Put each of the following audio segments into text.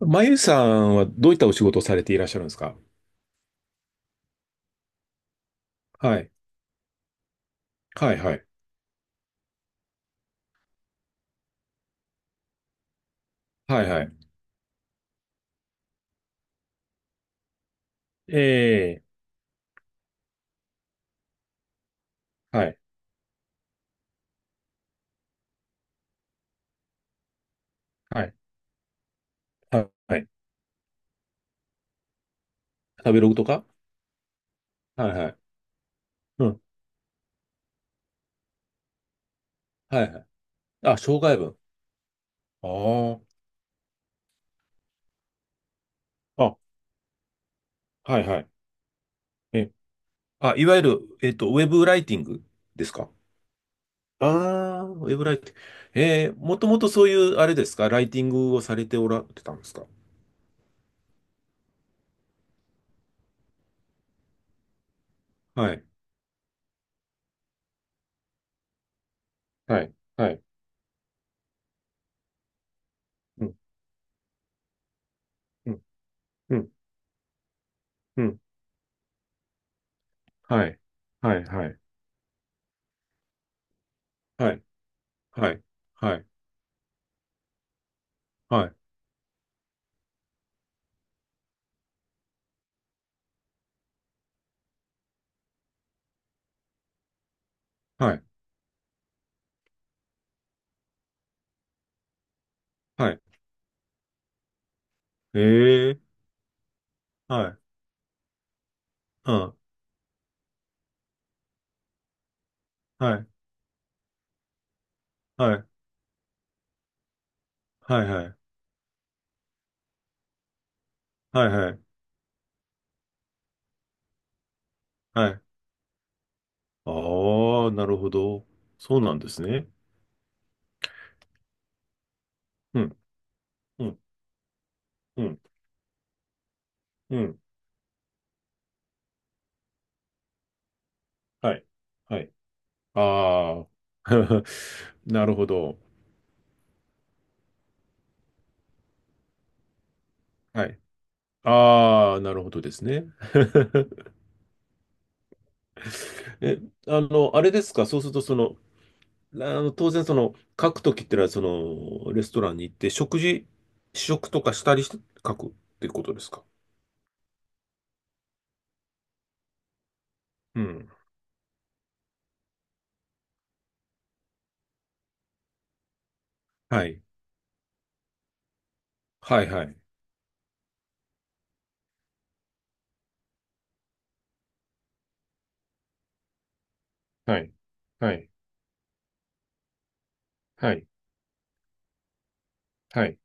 まゆさんはどういったお仕事をされていらっしゃるんですか？はい。はい、はい。はい、はい。ええ、はい、はい、はいはい。食べログとか。はい、はい。うん。はい、はい。あ、障害文。ああ。あ、はい、はい。え、あ、いわゆる、ウェブライティングですか？ああー、ウェブライティング。ええ、もともとそういう、あれですかライティングをされておられたんですか？はい、はい、はい。うん、うん、うん、うん。はい、はい、はい、はい、はい、はい、はい。はい。ええ、はい。うん。はい。はい。はい。はい。はい。はい。はい。ああ、なるほど。そうなんですね。うん。うん。うん。うん。はい。はい。ああ。なるほど。はい。ああ、なるほどですね。え、あの、あれですか。そうすると、その、あの、当然、その、書くときってのは、その、レストランに行って、食事、試食とかしたりして書くっていうことですか。うん。はい。はいはい。はい。はい。はい。はい。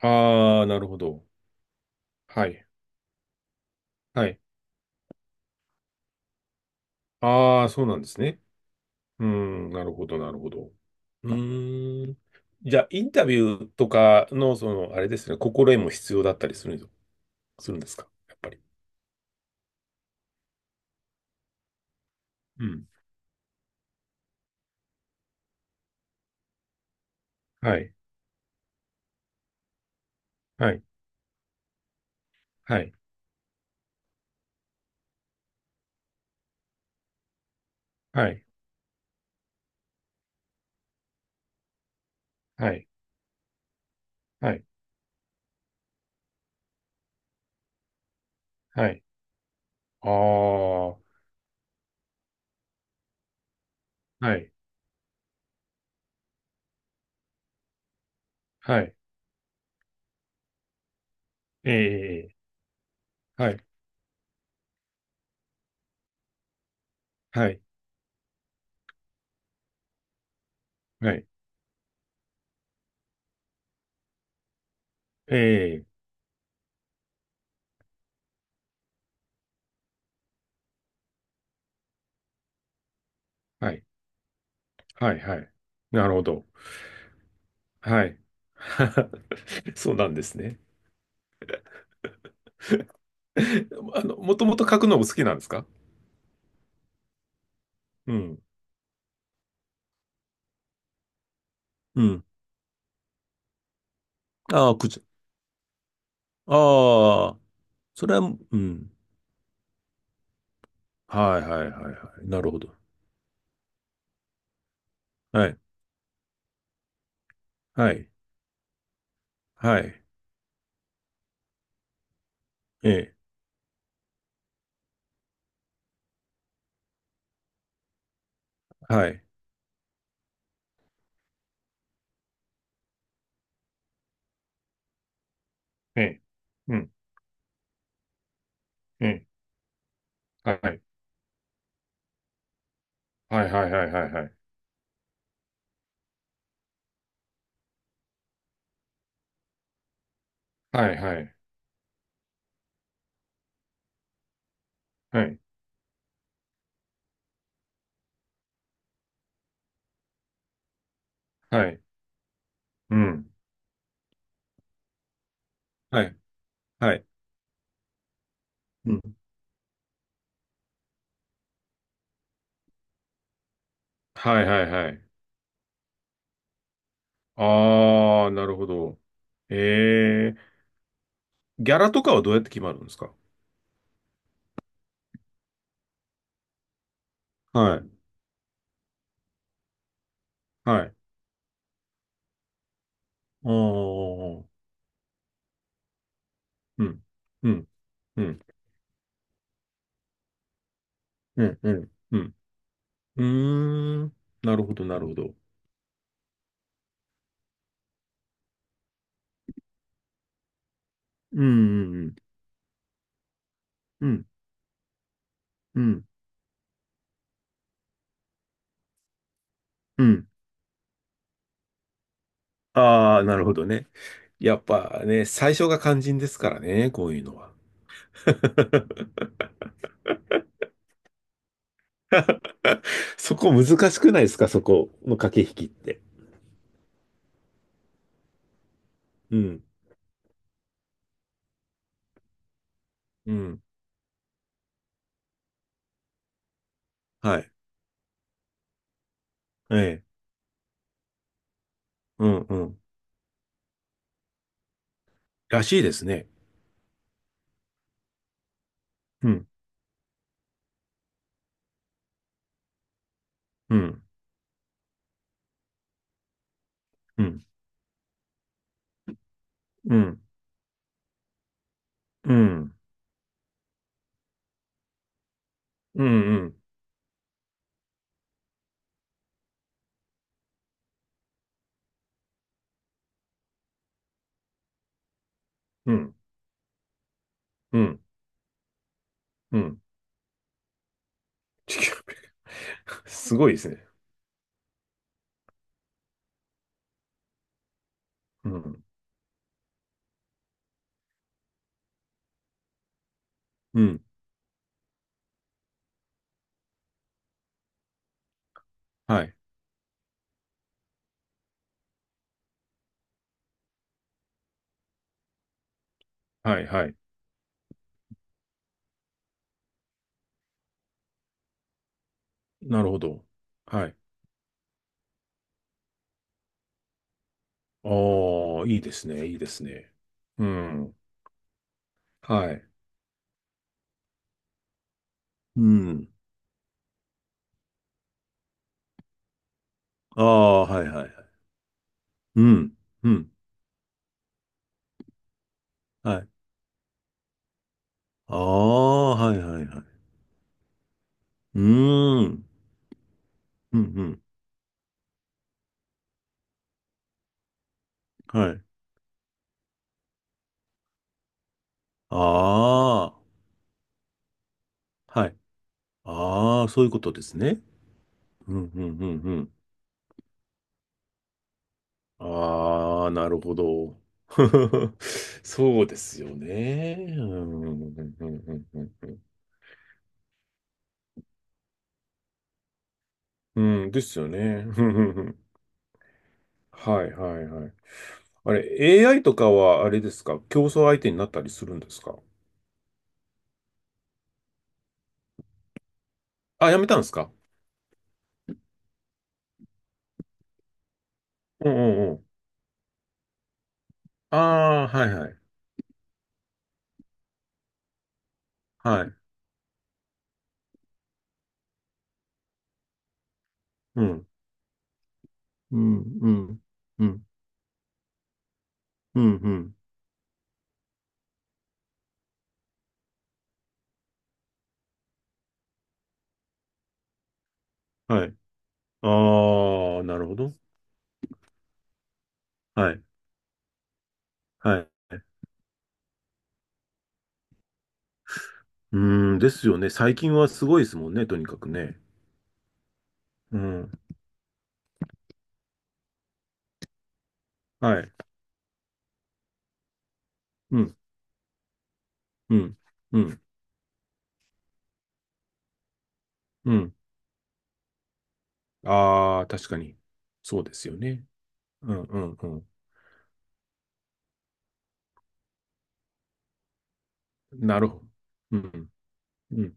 ああ、なるほど。はい。はい。ああ、そうなんですね。うーん、なるほど、なるほど。うーん。じゃあ、インタビューとかの、その、あれですね、心得も必要だったりするんです、するんですかやっぱり。うん。はい。はい。はい。はい。はい。はい。はい。ああ、はい。はい。ええ、はい。はい。はい。ええ、はい。はい。はい。なるほど。はい。そうなんですね。あの、もともと書くのも好きなんですか？うん。うん。ああ、くじ。ああ、それは、うん。はいはいはいはい。なるほど。はい。はい。はい。ええ。はい。ええ。うん。ええ。はい。はいはいはいはいはい。はいはいはい。はい。うん。はい。はい。うん。はいはいはい。ああ、なるほど。ええ。ギャラとかはどうやって決まるんですか？はい。はい。ああうん、うん、うん、うん、うん、うん。うーん、なるほど、なるほど。うん、うん、うん、うん。ああー、なるほどね。やっぱね、最初が肝心ですからね、こういうのは。そこ難しくないですか、そこの駆け引きって。うん、うん、はい。ええ、うん、うん。らしいですね。うん、うん、うん、うん、うん、うん、うん、うん、うん。うん。地球。 すごいですね。うん、うん。はい。はい、はい。なるほど。はい。ああ、いいですね、いいですね。うん。はい。うん。ああ、はい、はい、はい。うん。うん。はい。ああ、はい、はい、はい。うーん。うん、うん。はい。ああ、はい。ああ、そういうことですね。うん、うん、うん、うん。ああ、なるほど。そうですよね。うん、うん、うん、うん、うん。うん、ですよね。はいはいはい。あれ、AI とかはあれですか競争相手になったりするんですか？あ、やめたんですか？うんうんうん。ああ、はいはい。はい。うん。うん、うん、うん、うん、うん。はい。ああ、なるほど。はい。はい。うーん、ですよね。最近はすごいですもんね、とにかくね。うん。はい。うん、うん、うん、うん。ああ、確かに。そうですよね。うん、うん、うん。なるほど。うん、うん、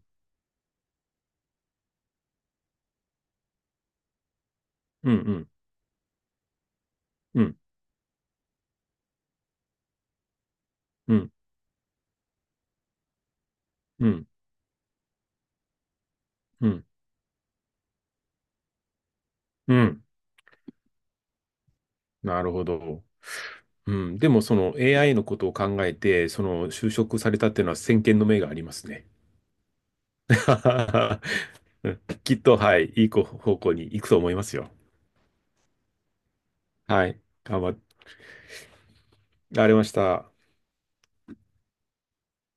うん、うん、うん。うん、うん、うん、うん。なるほど。うん。でも、その AI のことを考えて、その就職されたっていうのは先見の明がありますね。うんきっと、はい、いい方向に行くと思いますよ。はい。頑張られました。